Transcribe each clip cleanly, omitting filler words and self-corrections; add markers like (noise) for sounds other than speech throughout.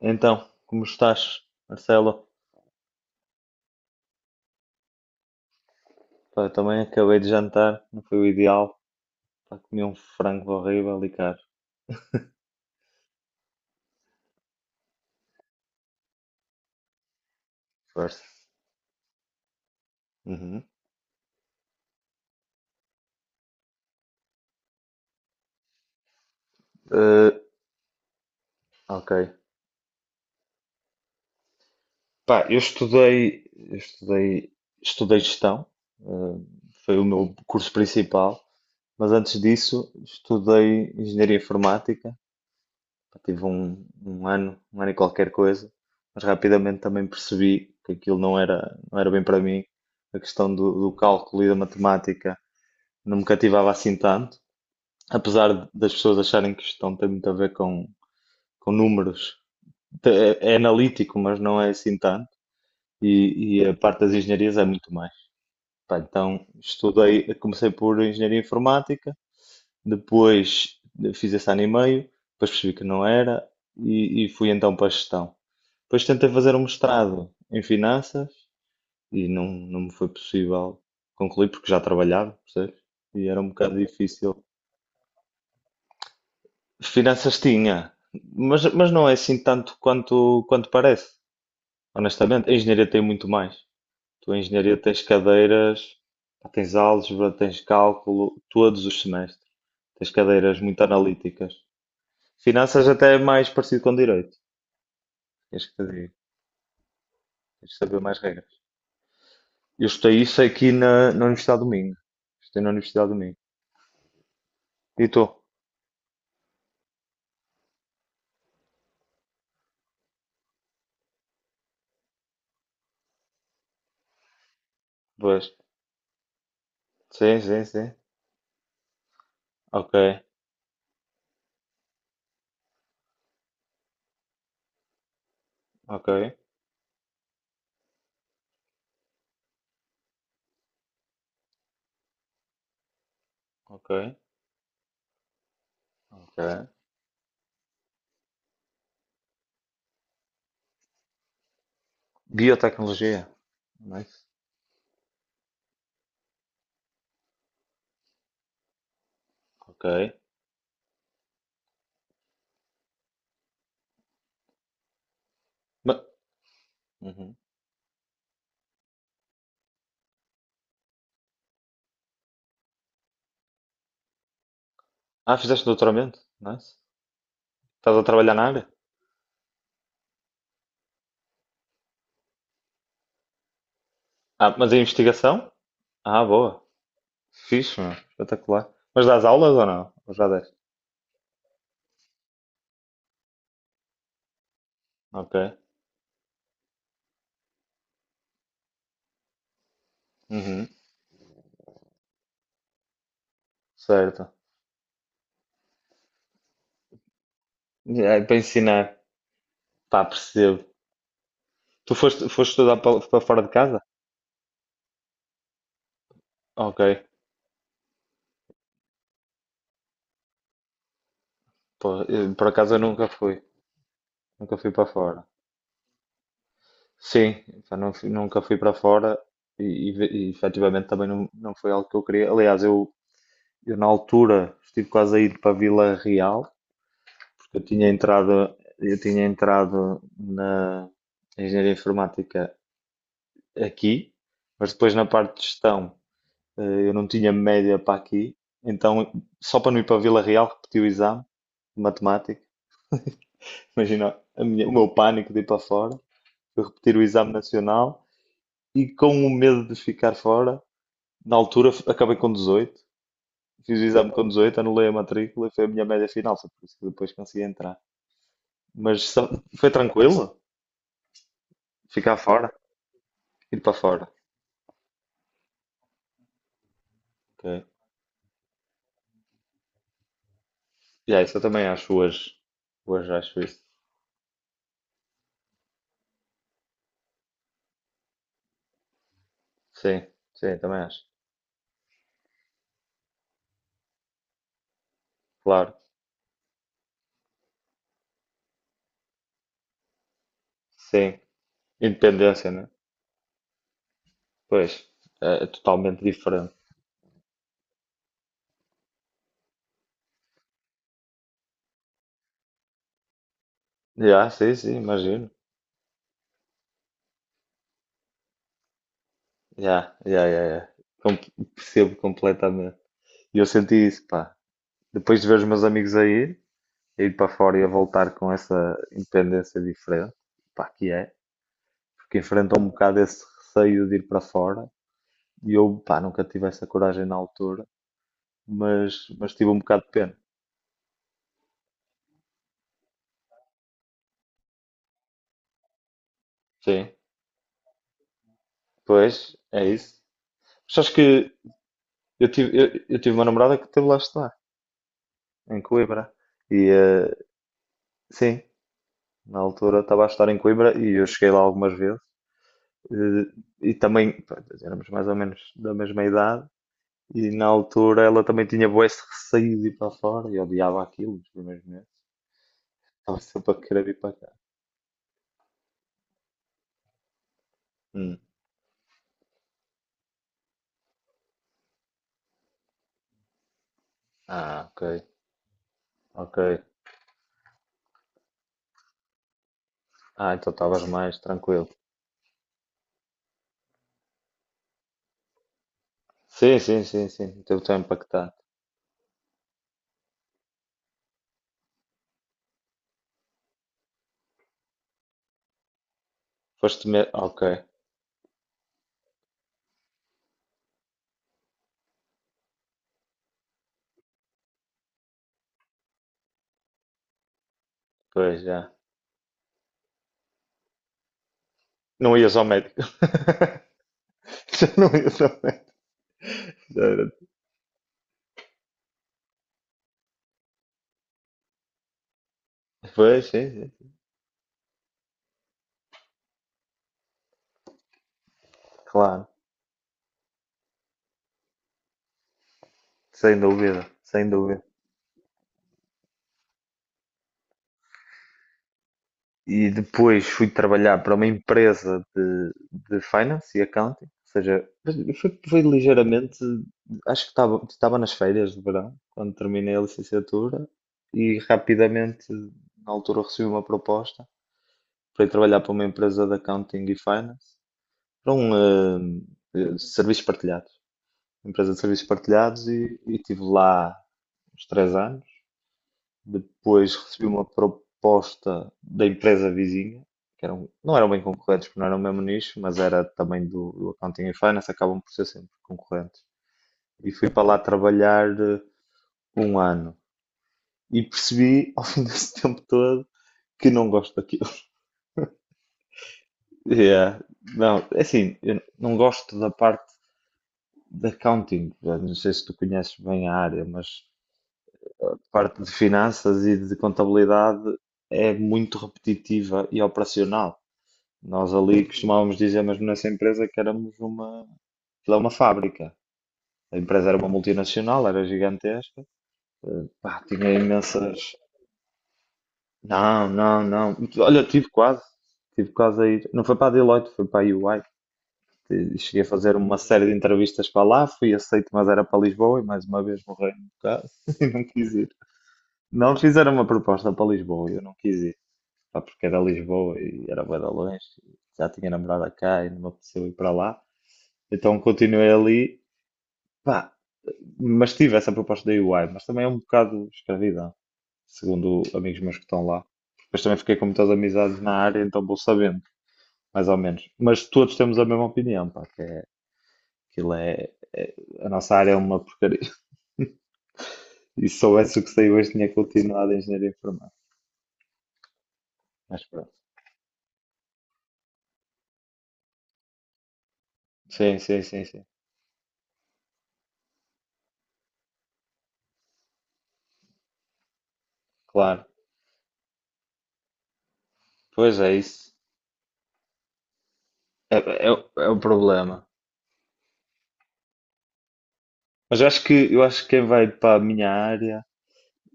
Então, como estás, Marcelo? Pá, eu também acabei de jantar, não foi o ideal. Pá, comi um frango horrível e caro. Força. Uhum. Eh, ok. Pá, eu estudei gestão, eh, foi o meu curso principal, mas antes disso estudei engenharia informática. Pá, tive um ano e qualquer coisa, mas rapidamente também percebi que aquilo não era bem para mim. A questão do cálculo e da matemática não me cativava assim tanto, apesar das pessoas acharem que gestão tem muito a ver com números. Então, é analítico, mas não é assim tanto. E a parte das engenharias é muito mais. Pá, então estudei, comecei por engenharia informática, depois fiz esse ano e meio, depois percebi que não era e fui então para a gestão. Depois tentei fazer um mestrado em finanças e não me foi possível concluir porque já trabalhava, percebes? E era um bocado difícil. Finanças tinha, mas não é assim tanto quanto parece, honestamente. A engenharia tem muito mais. Tu, em engenharia, tens cadeiras, tens álgebra, tens cálculo, todos os semestres. Tens cadeiras muito analíticas. Finanças até é mais parecido com direito, queres que te diga? Tens de saber mais regras. Eu estudei isso aqui na Universidade do Minho. Estudei na Universidade do Minho. E tu? Pois. Sim, sim, sim. Ok, ok, ok, ok. Biotecnologia. Nice. Ok. Ma- Uhum. Ah, fizeste doutoramento? Nice. Estás a trabalhar na área? Ah, mas a investigação? Ah, boa. Fixe, meu. Espetacular. Mas dás aulas ou não? Ou já deste? Ok. Uhum. Certo. É, para ensinar. Pá, percebo. Tu foste estudar para fora de casa? Ok. Pô, eu, por acaso eu nunca fui. Nunca fui para fora. Sim, pá, nunca fui para fora e efetivamente também não foi algo que eu queria. Aliás, eu na altura estive quase a ir para Vila Real. Eu tinha entrado na engenharia informática aqui, mas depois na parte de gestão, eu não tinha média para aqui, então só para não ir para Vila Real repeti o exame de matemática. (laughs) Imagina o meu pânico de ir para fora, eu repetir o exame nacional e com o medo de ficar fora, na altura acabei com 18, fiz o exame com 18, anulei a matrícula e foi a minha média final, foi por isso que depois consegui entrar. Mas só- Foi tranquilo ficar fora? Ir para fora. Ok. Já, isso eu também acho hoje. Hoje acho isso. Sim, sim, também acho. Claro. Sim. Independência, né? Pois. É, é totalmente diferente. Já, sim, sim, imagino. Já, já, já, já. Com- Percebo completamente. E eu senti isso, pá. Depois de ver os meus amigos a ir para fora e a voltar com essa independência diferente, pá, que é, porque enfrentam um bocado esse receio de ir para fora. E eu, pá, nunca tive essa coragem na altura, mas tive um bocado de pena. Sim, pois, é isso. Mas acho que eu tive uma namorada que teve lá a estudar, em Coimbra. E sim, na altura estava a estudar em Coimbra e eu cheguei lá algumas vezes. Eh, e também, pá, éramos mais ou menos da mesma idade. E na altura ela também tinha bué esse receio de ir para fora e odiava aquilo nos primeiros meses. Estava sempre a querer vir para cá. Hum. Ah, ok, ok. Ah, então estavas mais tranquilo. Sim, sim, sim, sim. Teve tempo para que... Foste me... Ok, pois já. Não ias ao médico. (laughs) Já não ias ao médico. Já era- Pois, sim, sim. Claro, sem dúvida, sem dúvida. E depois fui trabalhar para uma empresa de finance e accounting, ou seja, foi ligeiramente, acho que estava nas férias de verão, quando terminei a licenciatura, e rapidamente, na altura, recebi uma proposta para ir trabalhar para uma empresa de accounting e finance, para um serviço partilhado. Empresa de serviços partilhados e tive lá uns 3 anos. Depois recebi uma proposta da empresa vizinha, que eram, não eram bem concorrentes, porque não eram o mesmo nicho, mas era também do Accounting e Finance, acabam por ser sempre concorrentes. E fui para lá trabalhar um ano e percebi (laughs) ao fim desse tempo todo que não gosto daquilo. (laughs) Yeah. Não, é assim, eu não gosto da parte de accounting. Eu não sei se tu conheces bem a área, mas parte de finanças e de contabilidade é muito repetitiva e operacional. Nós ali costumávamos dizer, mesmo nessa empresa, que éramos uma, aquilo é uma fábrica. A empresa era uma multinacional, era gigantesca, pá, tinha imensas. Não, não, não. Olha, tive quase a ir. Não foi para a Deloitte, foi para a EY. E cheguei a fazer uma série de entrevistas para lá, fui aceito, mas era para Lisboa e mais uma vez morrei no caso (laughs) e não quis ir. Não fizeram uma proposta para Lisboa, e eu não quis ir. Pá, porque era Lisboa e era bué de longe, já tinha namorada cá e não me apeteceu ir para lá. Então continuei ali, pá, mas tive essa proposta da UI, mas também é um bocado escravidão, segundo amigos meus que estão lá. Depois também fiquei com muitas amizades na área, então vou sabendo, mais ou menos. Mas todos temos a mesma opinião, pá, que é, aquilo é, é- a nossa área é uma porcaria. (laughs) E se soubesse o que saiu hoje, tinha continuado em engenharia informática. Mas pronto. Sim, sim, sim, sim. Claro. Pois é isso. É, é, é um problema. Mas eu acho que quem vai para a minha área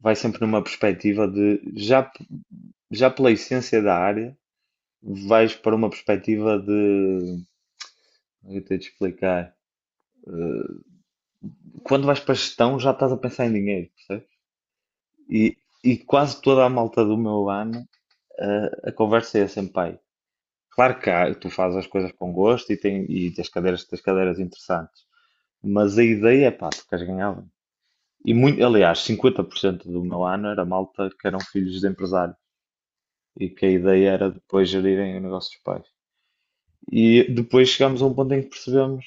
vai sempre numa perspectiva de já, já pela essência da área, vais para uma perspectiva de eu tenho de explicar. Quando vais para a gestão já estás a pensar em dinheiro, percebes? E, e quase toda a malta do meu ano, conversa é sempre, pai, claro que há, tu fazes as coisas com gosto e tens cadeiras interessantes, mas a ideia é, pá, tu queres ganhar bem. E muito, aliás, 50% do meu ano era malta que eram filhos de empresários, e que a ideia era depois gerirem o negócio dos pais. E depois chegámos a um ponto em que percebemos,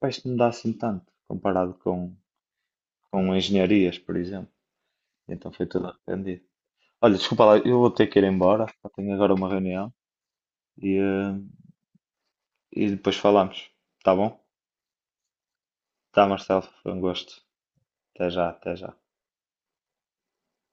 pá, isto não dá assim tanto, comparado com, engenharias, por exemplo. Então foi tudo arrependido. Olha, desculpa lá, eu vou ter que ir embora, só tenho agora uma reunião e, eh, e depois falamos, tá bom? Tá, Marcelo, foi um gosto. Até já, até já.